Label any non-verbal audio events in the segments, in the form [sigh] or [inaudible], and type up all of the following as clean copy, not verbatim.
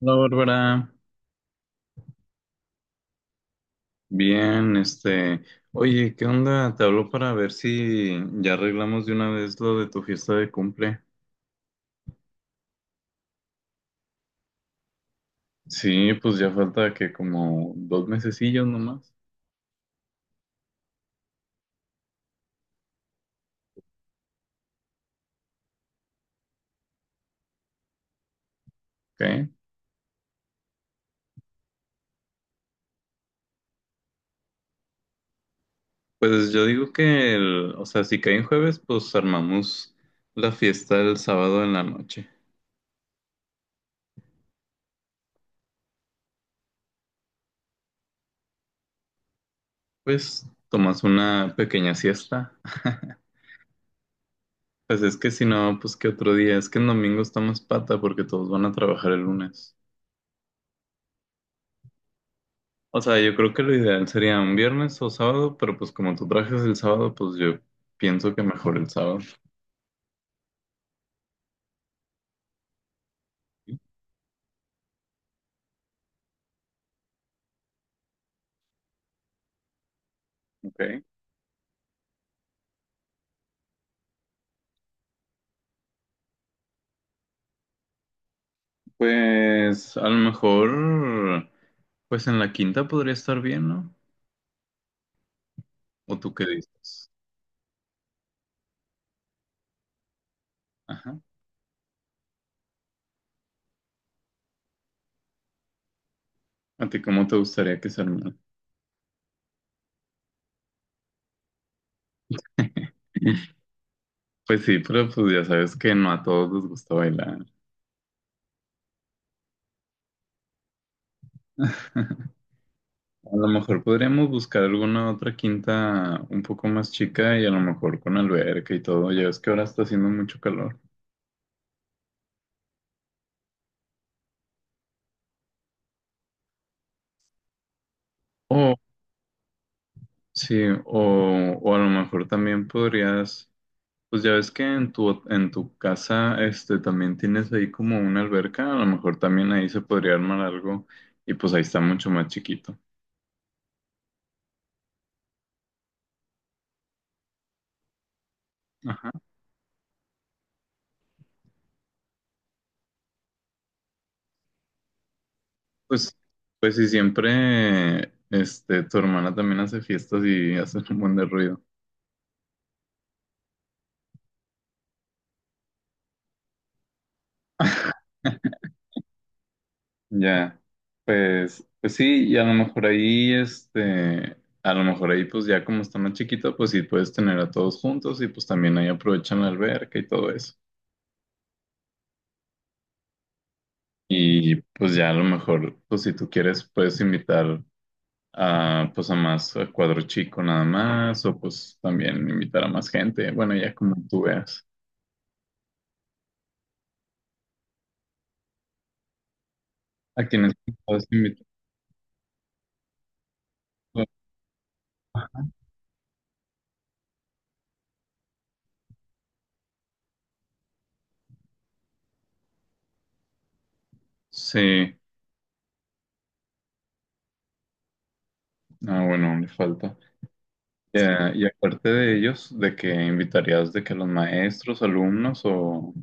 Hola Bárbara, bien, oye, ¿qué onda? Te hablo para ver si ya arreglamos de una vez lo de tu fiesta de cumple. Sí, pues ya falta que como dos mesecillos nomás, ¿ok? Pues yo digo que o sea, si cae en jueves, pues armamos la fiesta el sábado en la noche. Pues tomas una pequeña siesta. Pues es que si no, pues que otro día, es que el domingo está más pata porque todos van a trabajar el lunes. O sea, yo creo que lo ideal sería un viernes o sábado, pero pues como tú trajes el sábado, pues yo pienso que mejor el sábado. Ok. Pues a lo mejor, pues en la quinta podría estar bien, ¿no? ¿O tú qué dices? Ajá. ¿A ti cómo te gustaría que se armara? [laughs] Pues sí, pero pues ya sabes que no a todos les gusta bailar. A lo mejor podríamos buscar alguna otra quinta un poco más chica y a lo mejor con alberca y todo. Ya ves que ahora está haciendo mucho calor. O Sí, o a lo mejor también podrías, pues ya ves que en tu casa también tienes ahí como una alberca, a lo mejor también ahí se podría armar algo y pues ahí está mucho más chiquito. Ajá. Pues, pues si siempre tu hermana también hace fiestas y [laughs] hace un buen de ruido. [laughs] Ya, pues sí, y a lo mejor ahí, pues ya como está más chiquito, pues sí puedes tener a todos juntos y pues también ahí aprovechan la alberca y todo eso. Y pues ya a lo mejor, pues si tú quieres, puedes invitar a pues a más a cuadro chico nada más, o pues también invitar a más gente. Bueno, ya como tú veas. A quienes puedas invitar. Sí, ah, bueno, le falta. Ya, y aparte de ellos, ¿de que invitarías de que los maestros, alumnos o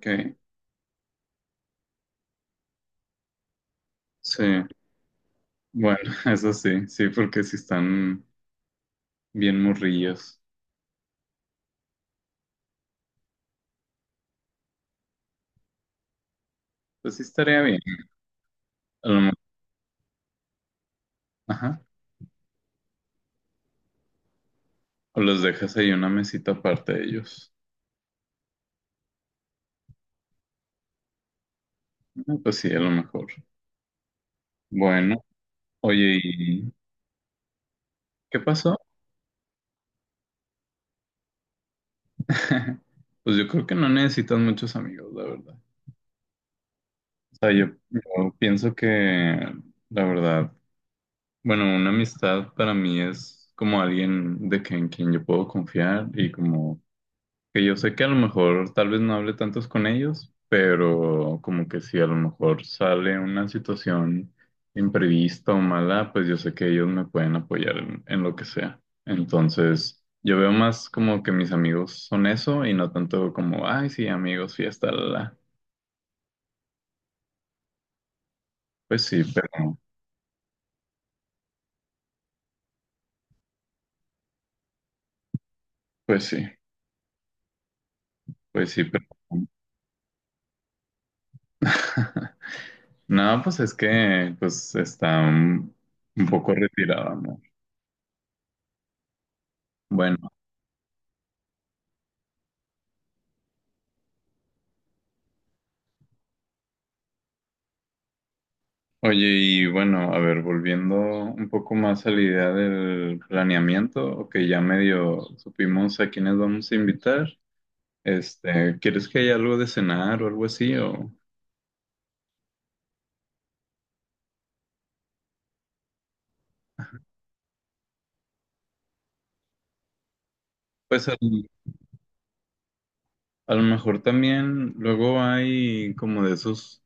qué? Sí, bueno, [laughs] eso sí, sí, porque si están bien morrillos, pues sí estaría bien. A lo mejor, O los dejas ahí una mesita aparte de ellos. Ah, pues sí, a lo mejor. Bueno, oye, ¿y qué pasó? [laughs] Pues yo creo que no necesitas muchos amigos, la verdad. O sea, yo pienso que, la verdad, bueno, una amistad para mí es como alguien de que, en quien yo puedo confiar y como que yo sé que a lo mejor tal vez no hable tantos con ellos, pero como que si a lo mejor sale una situación imprevista o mala, pues yo sé que ellos me pueden apoyar en lo que sea. Entonces, yo veo más como que mis amigos son eso y no tanto como, ay, sí, amigos, fiesta, la, la. Pues sí, pero, pues sí, pues sí. [laughs] No, pues es que, pues está un poco retirado, amor. Bueno. Oye, y bueno, a ver, volviendo un poco más a la idea del planeamiento, que ya medio supimos a quiénes vamos a invitar, ¿quieres que haya algo de cenar o algo así? O pues a, lo mejor también luego hay como de esos.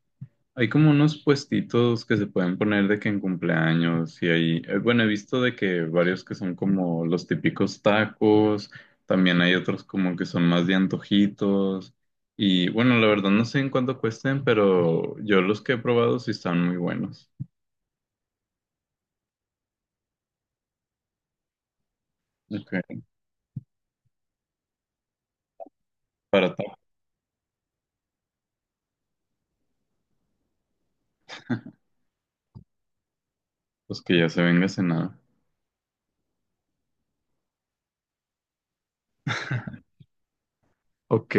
Hay como unos puestitos que se pueden poner de que en cumpleaños y ahí, bueno, he visto de que varios que son como los típicos tacos, también hay otros como que son más de antojitos y bueno, la verdad no sé en cuánto cuesten, pero yo los que he probado sí están muy buenos. Ok, para tacos que ya se venga cenado. [laughs] Ok,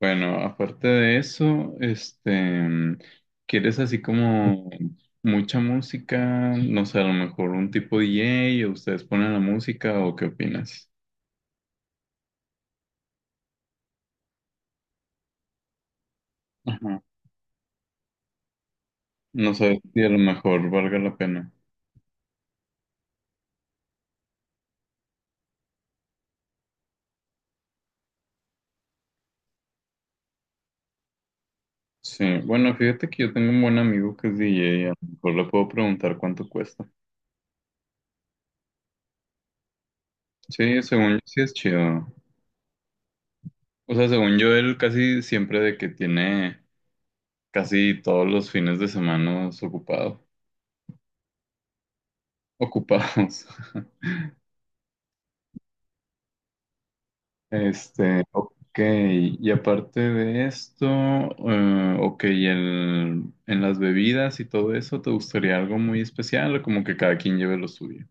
bueno, aparte de eso, mm, ¿quieres así como mucha música? No sé, a lo mejor un tipo DJ o ustedes ponen la música o qué opinas? Ajá. No sé si a lo mejor valga la pena. Sí, bueno, fíjate que yo tengo un buen amigo que es DJ, a lo mejor le puedo preguntar cuánto cuesta. Sí, según yo sí es chido. O sea, según yo, él casi siempre de que tiene casi todos los fines de semana ocupados. [laughs] Ok, y aparte de esto, ok, y en las bebidas y todo eso, ¿te gustaría algo muy especial o como que cada quien lleve lo suyo?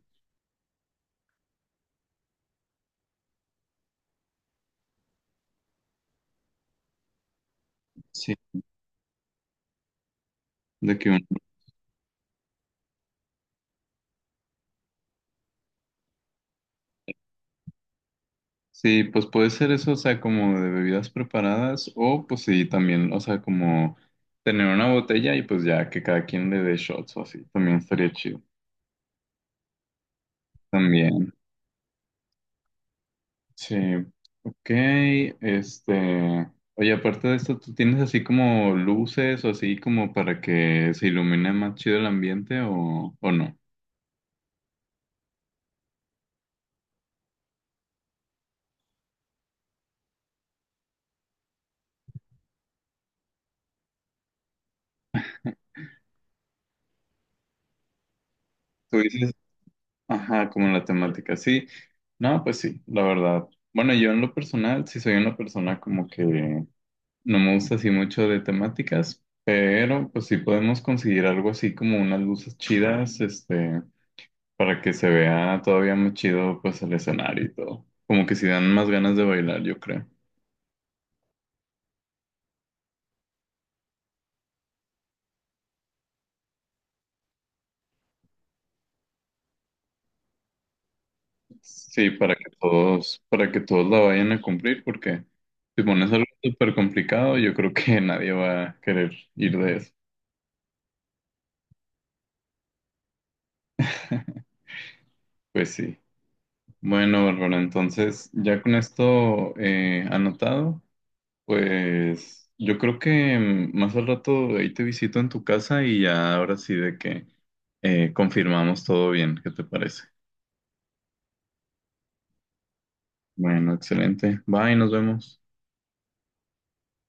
Sí, de que un- sí, pues puede ser eso, o sea, como de bebidas preparadas o pues sí, también, o sea, como tener una botella y pues ya que cada quien le dé shots o así, también estaría chido. También. Sí, ok, oye, aparte de esto, ¿tú tienes así como luces o así como para que se ilumine más chido el ambiente o no? Tú dices, ajá, como la temática, sí, no, pues sí, la verdad. Bueno, yo en lo personal, sí soy una persona como que no me gusta así mucho de temáticas, pero pues sí podemos conseguir algo así como unas luces chidas. Para que se vea todavía más chido pues el escenario y todo. Como que si dan más ganas de bailar, yo creo. Sí, para que todos la vayan a cumplir, porque si pones algo súper complicado, yo creo que [laughs] nadie va a querer ir de eso. [laughs] Pues sí. Bueno, Bárbara, entonces ya con esto anotado, pues yo creo que más al rato ahí te visito en tu casa y ya ahora sí de que confirmamos todo bien, ¿qué te parece? Bueno, excelente. Bye, nos vemos.